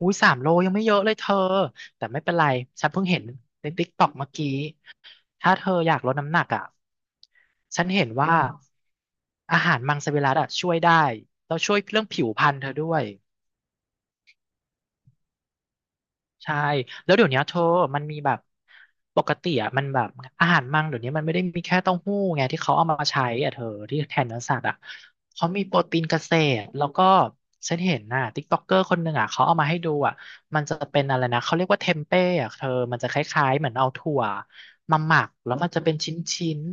อุ้ยสามโลยังไม่เยอะเลยเธอแต่ไม่เป็นไรฉันเพิ่งเห็นในติ๊กต็อกเมื่อกี้ถ้าเธออยากลดน้ำหนักอ่ะฉันเห็นว่าอาหารมังสวิรัติอ่ะช่วยได้แล้วช่วยเรื่องผิวพรรณเธอด้วย ใช่แล้วเดี๋ยวเนี้ยเธอมันมีแบบปกติอ่ะมันแบบอาหารมังเดี๋ยวนี้มันไม่ได้มีแค่เต้าหู้ไงที่เขาเอามาใช้อ่ะเธอที่แทนเนื้อสัตว์อ่ะเขามีโปรตีนเกษตรแล้วก็ฉันเห็นน่ะติ๊กต็อกเกอร์คนหนึ่งอ่ะเขาเอามาให้ดูอ่ะมันจะเป็นอะไรนะเขาเรียกว่าเทมเป้อ่ะเธอมันจะคล้ายๆเหมือนเอาถั่วมาหมักแล้วมันจะเป็นชิ้นๆ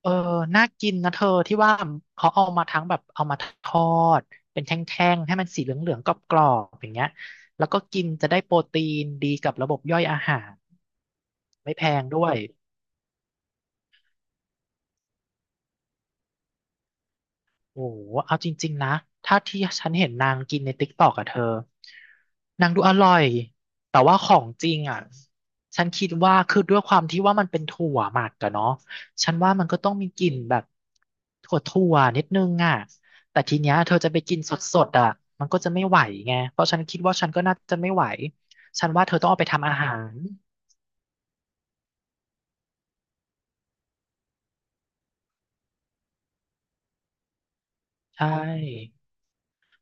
เออน่ากินนะเธอที่ว่าเขาเอามาทั้งแบบเอามาทอดเป็นแท่งๆให้มันสีเหลืองๆกรอบๆอย่างเงี้ยแล้วก็กินจะได้โปรตีนดีกับระบบย่อยอาหารไม่แพงด้วย โอ้โหเอาจริงๆนะถ้าที่ฉันเห็นนางกินในติ๊กตอกอะเธอนางดูอร่อยแต่ว่าของจริงอะฉันคิดว่าคือด้วยความที่ว่ามันเป็นถั่วหมักอะเนาะฉันว่ามันก็ต้องมีกลิ่นแบบถั่วนิดนึงอะแต่ทีเนี้ยเธอจะไปกินสดๆอะมันก็จะไม่ไหวไงเพราะฉันคิดว่าฉันก็น่าจะไม่ไหวฉันว่าเธอต้องเอาไปทำอาหารใช่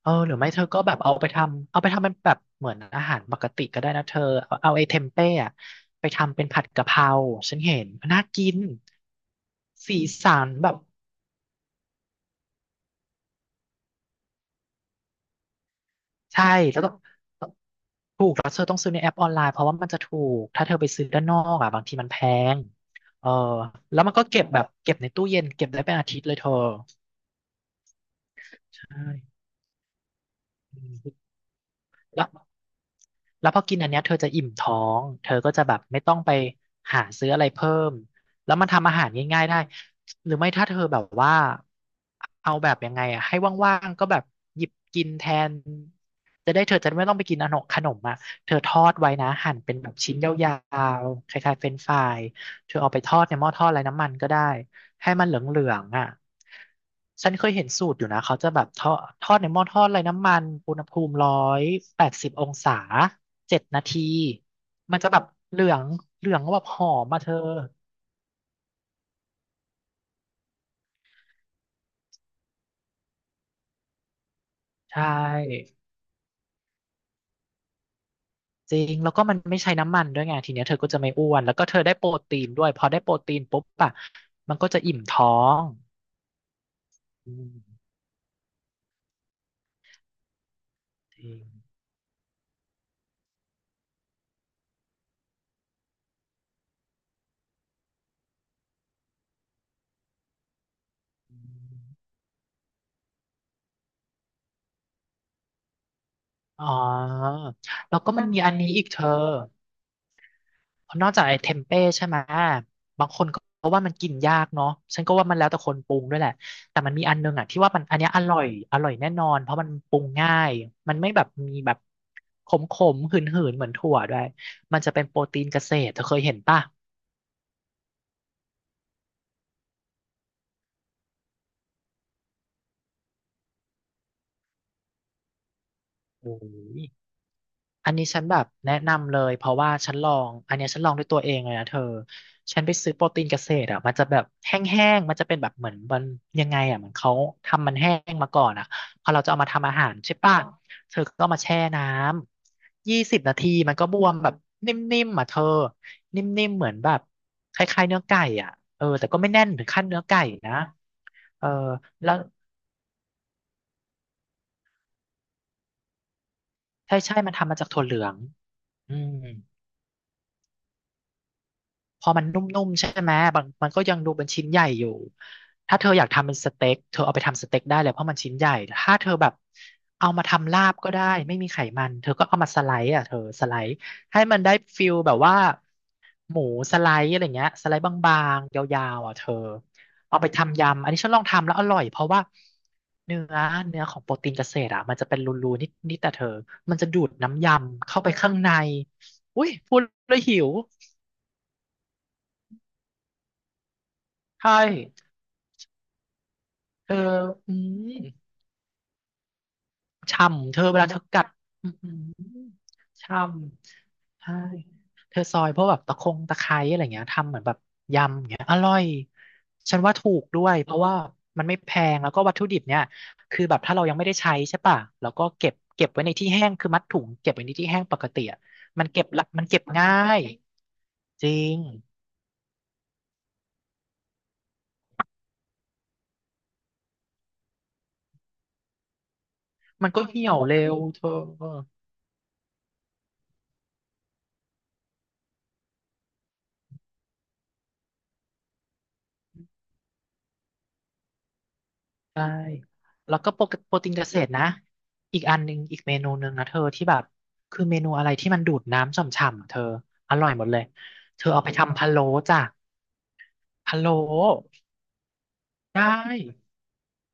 เออหรือไม่เธอก็แบบเอาไปทำเป็นแบบเหมือนอาหารปกติก็ได้นะเธอ เอาไอ้เทมเป้อะไปทำเป็นผัดกะเพราฉันเห็นน่ากินสีสันแบบใช่แล้วก็ถูกแล้วเธอต้องซื้อในแอปออนไลน์เพราะว่ามันจะถูกถ้าเธอไปซื้อด้านนอกอ่ะบางทีมันแพงเออแล้วมันก็เก็บแบบเก็บในตู้เย็นเก็บได้เป็นอาทิตย์เลยเธอใช่อืมแล้ว แล้วพอกินอันเนี้ยเธอจะอิ่มท้อง เธอก็จะแบบไม่ต้องไปหาซื้ออะไรเพิ่มแล้วมันทำอาหารง่ายๆได้หรือไม่ถ้าเธอแบบว่าเอาแบบยังไงอะให้ว่างๆก็แบบหยิบกินแทนจะได้เธอจะไม่ต้องไปกินขนมอ่ะเธอทอดไว้นะหั่นเป็นแบบชิ้นยาวๆคล้ายๆเฟรนช์ฟรายเธอเอาไปทอดในหม้อทอดไร้น้ำมันก็ได้ ให้มันเหลืองๆอ่ะฉันเคยเห็นสูตรอยู่นะเขาจะแบบทอดในหม้อทอดไร้น้ำมันอุณหภูมิ180 องศา 7 นาที มันจะแบบเหลืองเหลืองแบบหอมมาเธอใช่จริงแล้วก็มันไม่ใช้น้ำมันด้วยไงทีเนี้ยเธอก็จะไม่อ้วนแล้วก็เธอได้โปรตีนด้วยพอได้โปรตีนปุ๊บอะมันก็จะอิ่มท้องอืมจริงอ๋อแล้วก็มันมีอันนี้อีกเธอ นอกจากไอ้เทมเป้ใช่ไหมบางคนก็ว่ามันกินยากเนาะฉันก็ว่ามันแล้วแต่คนปรุงด้วยแหละแต่มันมีอันนึงอ่ะที่ว่ามันอันเนี้ยอร่อยแน่นอนเพราะมันปรุงง่ายมันไม่แบบมีแบบขมหืนหืนๆเหมือนถั่วด้วยมันจะเป็นโปรตีนเกษตรเธอเคยเห็นป่ะโอ้ย อันนี้ฉันแบบแนะนำเลยเพราะว่าฉันลองอันเนี้ยฉันลองด้วยตัวเองเลยนะเธอฉันไปซื้อโปรตีนเกษตรอ่ะมันจะแบบแห้งๆมันจะเป็นแบบเหมือนมันยังไงอ่ะเหมือนเขาทำมันแห้งมาก่อนอ่ะพอเราจะเอามาทำอาหารใช่ป่ะเธอก็มาแช่น้ำ20 นาทีมันก็บวมแบบนิ่มๆอ่ะเธอนิ่มๆเหมือนแบบคล้ายๆเนื้อไก่อ่ะเออแต่ก็ไม่แน่นถึงขั้นเนื้อไก่นะเออแล้วใช่ใช่มันทำมาจากถั่วเหลืองอืม พอมันนุ่มๆใช่ไหมบางมันก็ยังดูเป็นชิ้นใหญ่อยู่ถ้าเธออยากทำเป็นสเต็กเธอเอาไปทำสเต็กได้เลยเพราะมันชิ้นใหญ่ถ้าเธอแบบเอามาทำลาบก็ได้ไม่มีไขมันเธอก็เอามาสไลด์อ่ะเธอสไลด์ให้มันได้ฟิลแบบว่าหมูสไลด์อะไรเงี้ยสไลด์บางๆยาวๆอ่ะเธอเอาไปทำยำอันนี้ฉันลองทำแล้วอร่อยเพราะว่าเนื้อเนื้อของโปรตีนเกษตรอ่ะมันจะเป็นรูๆนิดๆแต่เธอมันจะดูดน้ำยำเข้าไปข้างในอุ้ยพูดแล้วหิวใช่ เธออืมช่ำเธอเวลาเธอกัดอืมช่ำ ใช่ เธอซอยพวกแบบตะคงตะไคร้อะไรเงี้ยทำเหมือนแบบยำอย่างเงี้ยอร่อยฉันว่าถูกด้วยเพราะว่ามันไม่แพงแล้วก็วัตถุดิบเนี่ยคือแบบถ้าเรายังไม่ได้ใช้ใช่ป่ะแล้วก็เก็บไว้ในที่แห้งคือมัดถุงเก็บไว้ในที่แห้งปกติอะมันเก็บละมันเก็บง่ายจริงมันก็เหี่ยวเร็วเธอ ใช่แล้วก็โปรตีนเกษตรนะอีกอันหนึ่งอีกเมนูหนึ่งนะเธอที่แบบคือเมนูอะไรที่มันดูดน้ำฉ่ำๆอะเธออร่อยหมดเลยเธอเอาไปทำพะโล้จ้ะพะโล้ได้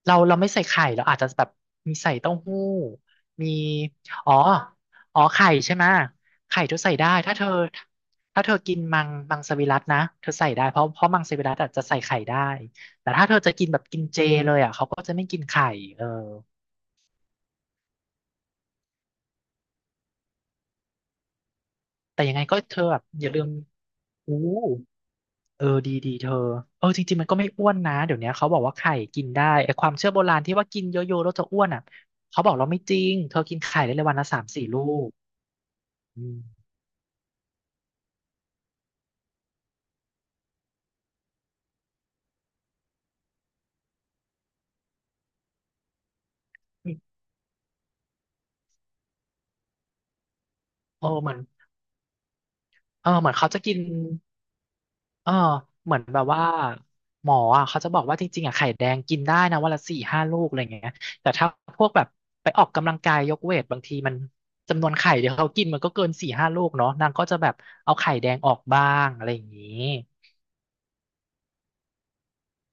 เราไม่ใส่ไข่เราอาจจะแบบมีใส่เต้าหู้มีอ๋ออ๋อไข่ใช่ไหมะไข่เธอใส่ได้ถ้าเธอกินมังสวิรัตินะเธอใส่ได้เพราะมังสวิรัติอะจะใส่ไข่ได้เจเลยแต่ยังไงก็เธอแบบอย่าลืม อู้เออดีดีเธอเออจริงๆมันก็ไม่อ้วนนะเดี๋ยวเนี้ยเขาบอกว่าไข่กินได้ไอ้ความเชื่อโบราณที่ว่ากินเยอะๆแล้วจะอ้วนอ่ะเขาบอกเราไม่จริงเธอกินไข่ได้เลยวันละสามสี่ลูกอืมเออเหมือนเออเหมือนเขาจะกินเออเหมือนแบบว่าหมออ่ะเขาจะบอกว่าจริงๆอ่ะไข่แดงกินได้นะวันละสี่ห้าลูกอะไรอย่างเงี้ยแต่ถ้าพวกแบบไปออกกำลังกายยกเวทบางทีมันจำนวนไข่เดี๋ยวเขากินมันก็เกินสี่ห้าลูกเนาะนางก็จะแบบเอาไข่แดงออกบ้างอะไรอย่างงี้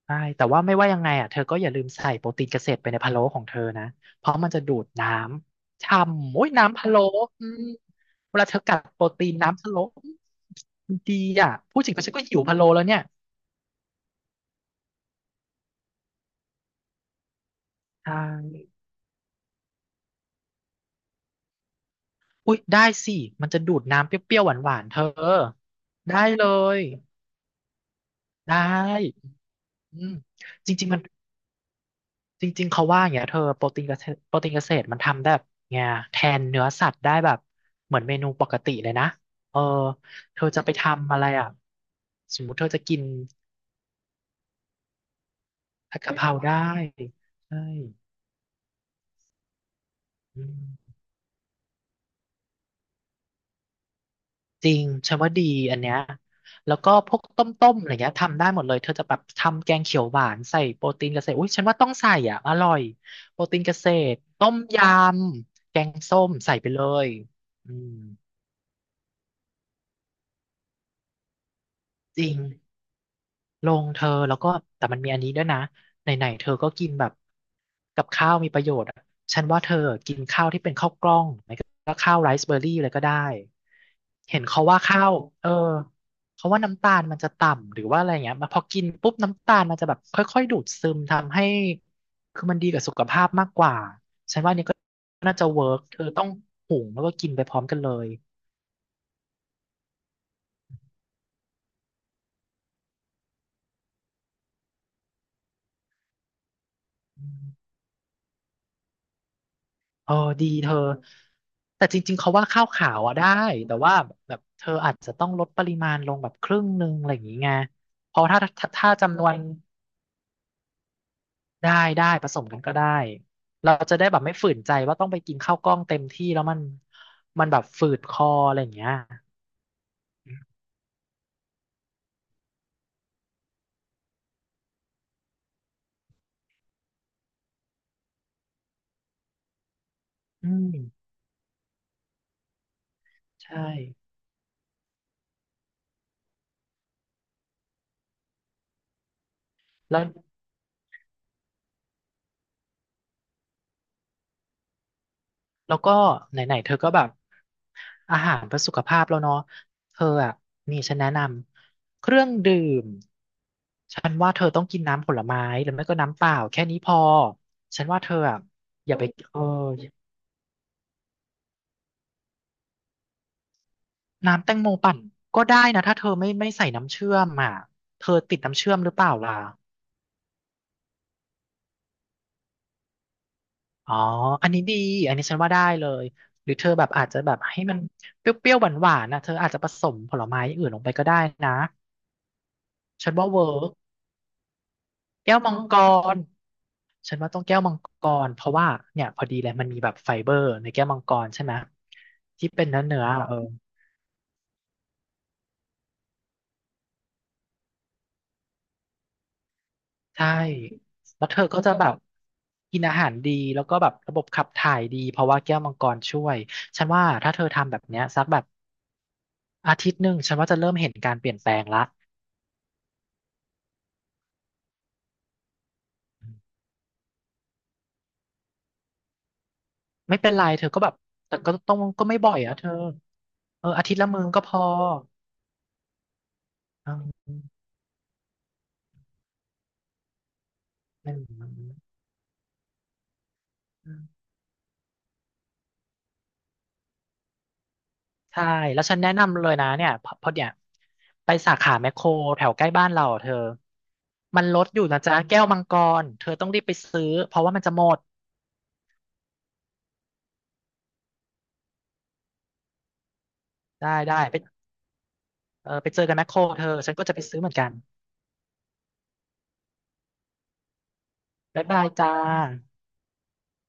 ใช่แต่ว่าไม่ว่ายังไงอ่ะเธอก็อย่าลืมใส่โปรตีนเกษตรไปในพะโล้ของเธอนะเพราะมันจะดูดน้ำช่ำโอ้ยน้ำพะโล้อืมเวลาเธอกัดโปรตีนน้ำพะโล้อืมมันดีอ่ะพูดถึงก็ฉันก็หิวพะโล้แล้วเนี่ยใช่อุ้ยได้สิมันจะดูดน้ำเปรี้ยวๆหวานๆเธอได้เลยได้อืมจริงๆมัน จริงๆเขาว่าอย่างเงี้ยเธอโปรตีนเกษตรโปรตีนเกษตรมันทำได้แบบเงี้ยแทนเนื้อสัตว์ได้แบบเหมือนเมนูปกติเลยนะเออเธอจะไปทำอะไรอ่ะสมมุติเธอจะกินผัดกะเพราได้ใช่อืมจริงฉันว่าดีอันเนี้ยแล้วก็พวกต้มๆอะไรเงี้ยทำได้หมดเลยเธอจะแบบทำแกงเขียวหวานใส่โปรตีนเกษตรอุ้ยฉันว่าต้องใส่อ่ะอร่อยโปรตีนเกษตรต้มยำแกงส้มใส่ไปเลยอืมจริง ลงเธอแล้วก็แต่มันมีอันนี้ด้วยนะไหนๆเธอก็กินแบบกับข้าวมีประโยชน์อะฉันว่าเธอที่เลยก็ได้เห็นเขาว่าข้าวเออเขาว่าน้ำตาลมันจะต่ำหรือว่าอะไรเงี้ยมาพอกินปุ๊บน้ำตาลมันจะแบบค่อยๆดูดซึมทำให้คือมันดีกับสุขภาพมากกว่าฉันว่าอันนี้ก็น่าจะเวิร์กเธอต้องหุงแล้วก็กินไปพร้อมกันเลย เออดีเธอแต่จริงๆเขาว่าข้าวขาวอ่ะได้แต่ว่าแบบเธออาจจะต้องลดปริมาณลงแบบครึ่งหนึ่งอะไรอย่างงี้ไงเพราะถ้าจำนวนได้ได้ผสมกันก็ได้เราจะได้แบบไม่ฝืนใจว่าต้องไปกินข้าวกล้องเต็มที่แล้วมันมันแบบฝืดคออะไรอย่างเงี้ยอืมใช่แล้ว แล้วก็ไหนๆเธอก็แบบอาหารเพื่อสุขภาพแล้วเนาะเธออ่ะนี่ฉันแนะนำเครื่องดื่มฉันว่าเธอต้องกินน้ำผลไม้หรือไม่ก็น้ำเปล่าแค่นี้พอฉันว่าเธออ่ะอย่าไปเออน้ำแตงโมปั่นก็ได้นะถ้าเธอไม่ใส่น้ำเชื่อมอ่ะเธอติดน้ำเชื่อมหรือเปล่าล่ะอ๋ออันนี้ดีอันนี้ฉันว่าได้เลยหรือเธอแบบอาจจะแบบให้มันเปรี้ยวๆหวานๆนะเธออาจจะผสมผลไม้อย่างอื่นลงไปก็ได้นะฉันว่าเวิร์ก แก้วมังกรฉันว่าต้องแก้วมังกรเพราะว่าเนี่ยพอดีเลยมันมีแบบไฟเบอร์ในแก้วมังกรใช่ไหมที่เป็นเนื้อเนื้อเออใช่แล้วเธอก็จะแบบกินอาหารดีแล้วก็แบบระบบขับถ่ายดีเพราะว่าแก้วมังกรช่วยฉันว่าถ้าเธอทำแบบเนี้ยสักแบบอาทิตย์หนึ่งฉันว่าจะเริ่มเห็นการเปลี่ยนแปลงละไม่เป็นไรเธอก็แบบแต่ก็ต้องไม่บ่อยอะเธอเอออาทิตย์ละมื้อก็พออืม ใช่ แล้วฉันแนะนำเลยนะเนี่ยพอเนี่ยไปสาขาแมคโครแถวใกล้บ้านเราอะเธอ มันลดอยู่นะจ๊ะแก้วมังกร เธอต้องรีบไปซื้อเพราะว่ามันจะหมด ได้ไปเออไปเจอกันแมคโครเธอ ฉันก็จะไปซื้อเหมือนกันบ๊ายบายจ้า